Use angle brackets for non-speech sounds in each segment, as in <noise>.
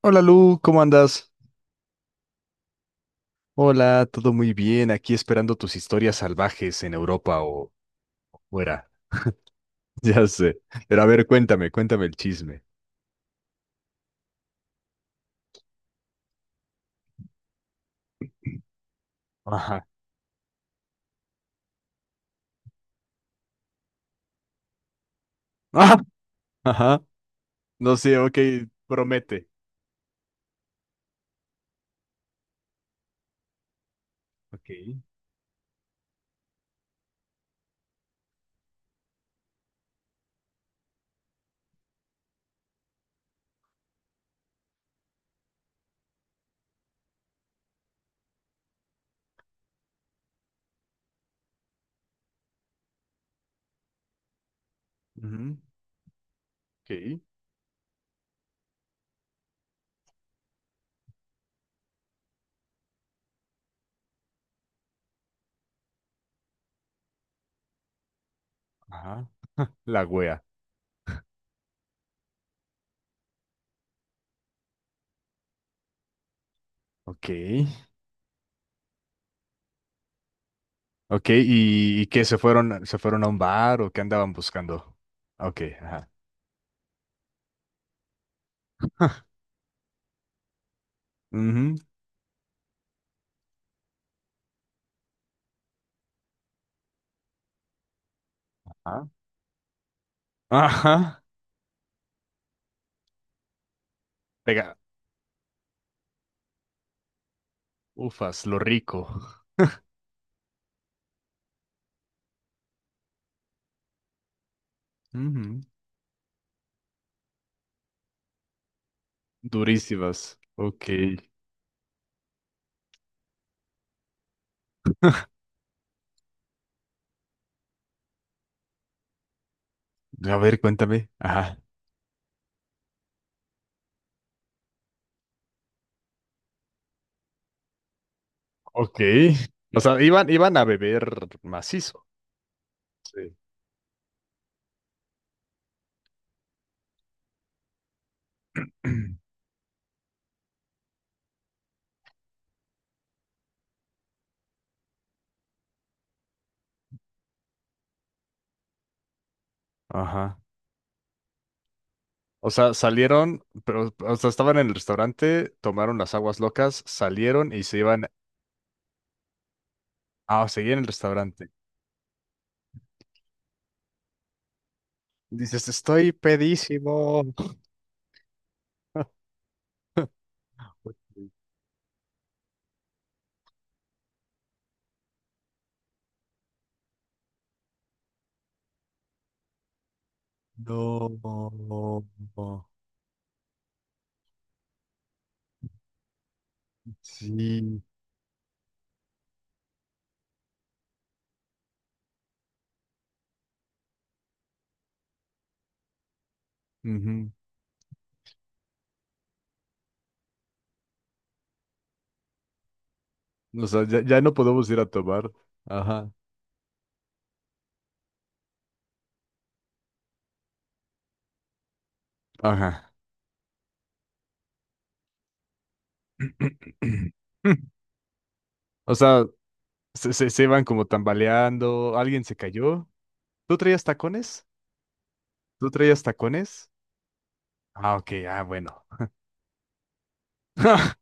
Hola Lu, ¿cómo andas? Hola, todo muy bien, aquí esperando tus historias salvajes en Europa o fuera. <laughs> Ya sé. Pero a ver, cuéntame, cuéntame el chisme. Ajá. <laughs> Ajá. Ajá. No sé, ok, promete. Ok. Ujú. Ok. Ajá. La wea. Ok. Ok, ¿y qué? ¿Se fueron a un bar o qué andaban buscando? Ok, ajá. Ujú. Ajá. Ajá. Pega. Ufas, lo rico. Ujú. Durísimas. Ok. A ver, cuéntame. Ajá. Ok. O sea, iban a beber macizo. Sí. Ajá. O sea, salieron, pero, o sea, estaban en el restaurante, tomaron las aguas locas, salieron y se iban a seguir en el restaurante. Dices, estoy pedísimo. <laughs> No. No. Sí. Ujú. O sea, ya, ya no podemos ir a tomar. Ajá, ajá. <clears throat> O sea, se iban como tambaleando, alguien se cayó. ¿Tú traías tacones? ¿Tú traías tacones? Ah, ok, ah, bueno. <laughs>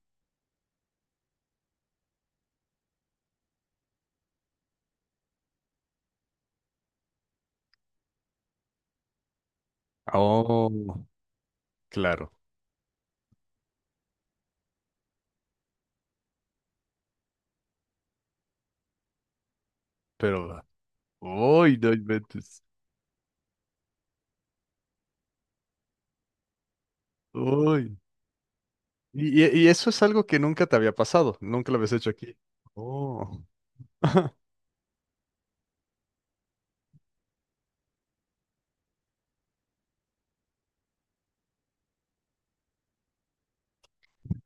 Oh, claro, pero. Uy, no inventes. Uy. Y eso es algo que nunca te había pasado, nunca lo habías hecho aquí. Oh.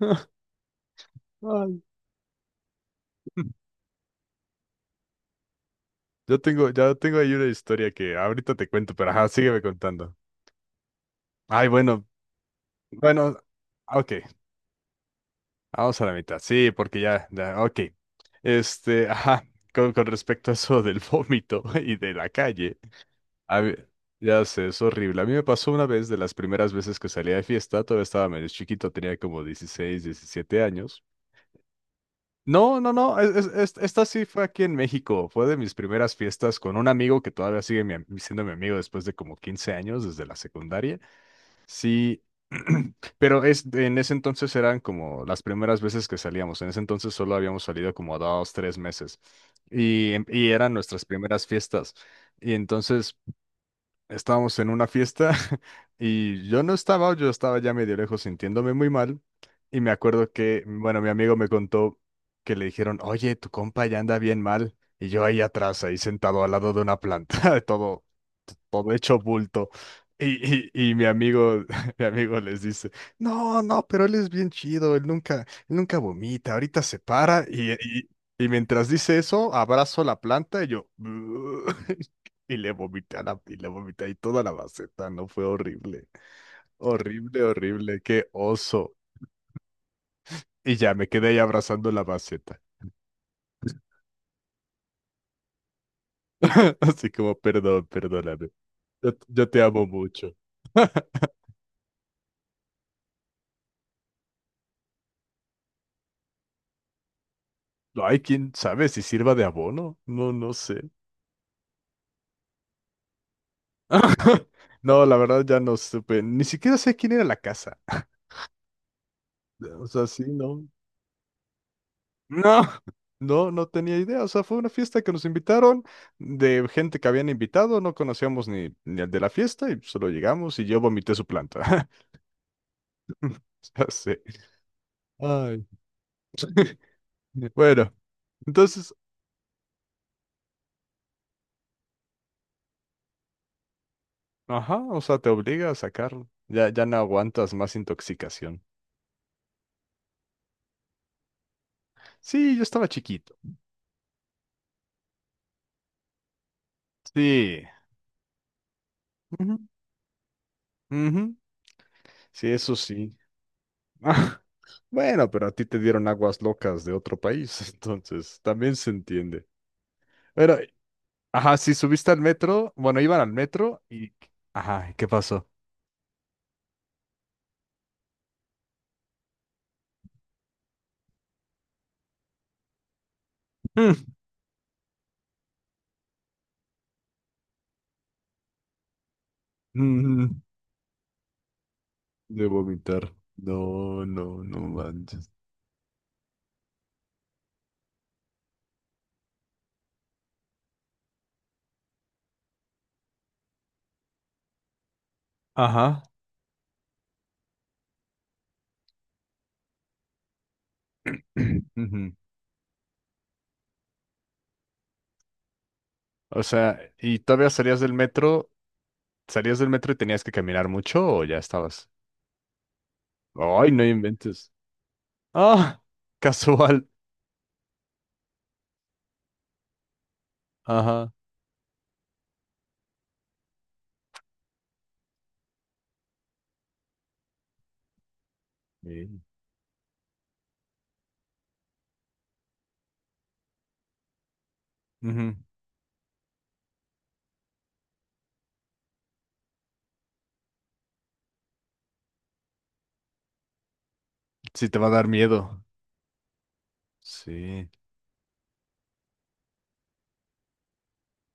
<laughs> Ay. Ya tengo ahí una historia que ahorita te cuento, pero ajá, sígueme contando. Ay, bueno, bueno, ok, vamos a la mitad, sí, porque ya, ya, ok. Este, ajá, con respecto a eso del vómito <laughs> y de la calle. A mí- ya sé, es horrible. A mí me pasó una vez de las primeras veces que salía de fiesta, todavía estaba medio chiquito, tenía como 16 17 años. No, no, no, esta sí fue aquí en México, fue de mis primeras fiestas con un amigo que todavía sigue siendo mi amigo después de como 15 años, desde la secundaria. Sí, <clears throat> pero es, en ese entonces eran como las primeras veces que salíamos, en ese entonces solo habíamos salido como 2, 3 meses y eran nuestras primeras fiestas. Y entonces estábamos en una fiesta <laughs> y yo no estaba, yo estaba ya medio lejos sintiéndome muy mal. Y me acuerdo que, bueno, mi amigo me contó que le dijeron, oye, tu compa ya anda bien mal. Y yo ahí atrás, ahí sentado al lado de una planta, <laughs> todo, todo hecho bulto. Y mi amigo, <laughs> mi amigo les dice, no, no, pero él es bien chido, él nunca vomita, ahorita se para y, y mientras dice eso, abrazo la planta y yo, <laughs> Y le vomité ahí toda la maceta, no fue horrible. Horrible, horrible, qué oso. Y ya me quedé ahí abrazando la maceta. <laughs> Así como, perdón, perdóname. Yo te amo mucho. <laughs> No hay quien sabe si sirva de abono. No, no sé. <laughs> No, la verdad ya no supe. Ni siquiera sé quién era la casa. O sea, sí, no. No, no, no tenía idea. O sea, fue una fiesta que nos invitaron de gente que habían invitado, no conocíamos ni al de la fiesta y solo llegamos y yo vomité su planta. <laughs> Ya sé. Ay. <laughs> Bueno, entonces, ajá, o sea, te obliga a sacarlo. Ya, ya no aguantas más intoxicación. Sí, yo estaba chiquito. Sí. Ujú, ujú. Sí, eso sí. <laughs> Bueno, pero a ti te dieron aguas locas de otro país, <laughs> entonces también se entiende. Bueno. Ajá, sí, subiste al metro. Bueno, iban al metro y. Ajá, ¿qué pasó? Mm. Mm. De vomitar. No, no, no manches. <clears throat> Ajá. Ujú. O sea, ¿y todavía salías del metro? ¿Salías del metro y tenías que caminar mucho o ya estabas? Ay, no inventes. Ah, <laughs> casual. Ajá. Sí. Ujú. Sí, te va a dar miedo. Sí.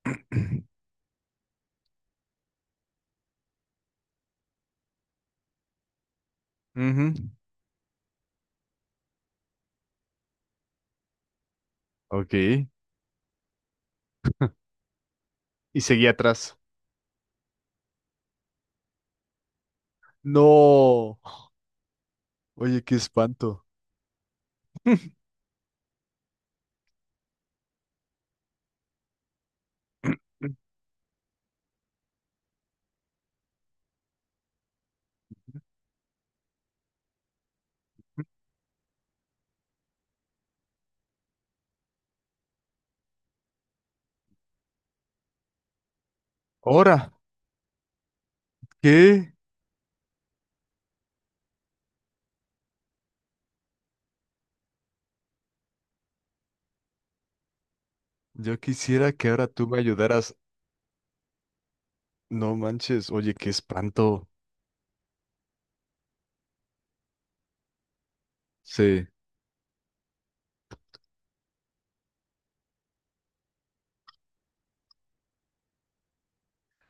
<clears throat> Ujú. Ok. Y seguí atrás. No. Oye, qué espanto. <laughs> Ahora, ¿qué? Yo quisiera que ahora tú me ayudaras. No manches, oye, qué espanto. Sí.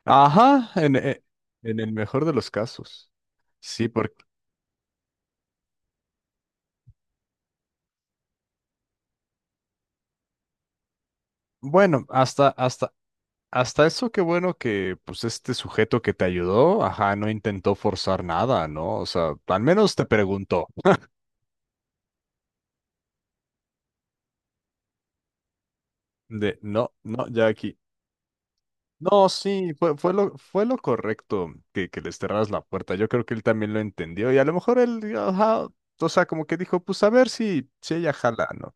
Ajá, en el mejor de los casos. Sí, porque, bueno, hasta eso, qué bueno que, pues, este sujeto que te ayudó, ajá, no intentó forzar nada, ¿no? O sea, al menos te preguntó. De, no, no, ya aquí. No, sí, fue lo correcto que les cerraras la puerta. Yo creo que él también lo entendió y a lo mejor él, ajá, o sea, como que dijo, pues a ver si ella jala, ¿no?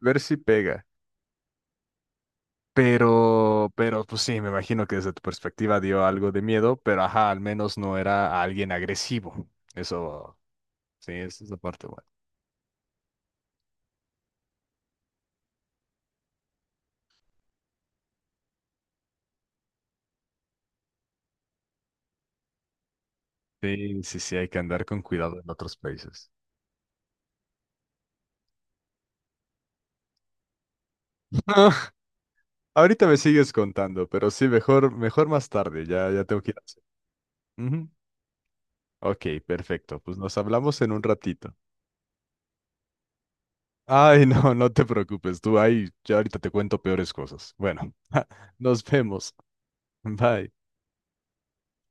Ver si pega. Pero, pues sí, me imagino que desde tu perspectiva dio algo de miedo, pero ajá, al menos no era alguien agresivo. Eso, sí, esa es la parte buena. Sí, sí, sí, hay que andar con cuidado en otros países. <laughs> Ahorita me sigues contando, pero sí, mejor, mejor más tarde, ya, ya tengo que ir a hacer. Ujú. Ok, perfecto. Pues nos hablamos en un ratito. Ay, <laughs> no, no te preocupes, tú ahí, ya ahorita te cuento peores cosas. Bueno, <laughs> nos vemos. Bye.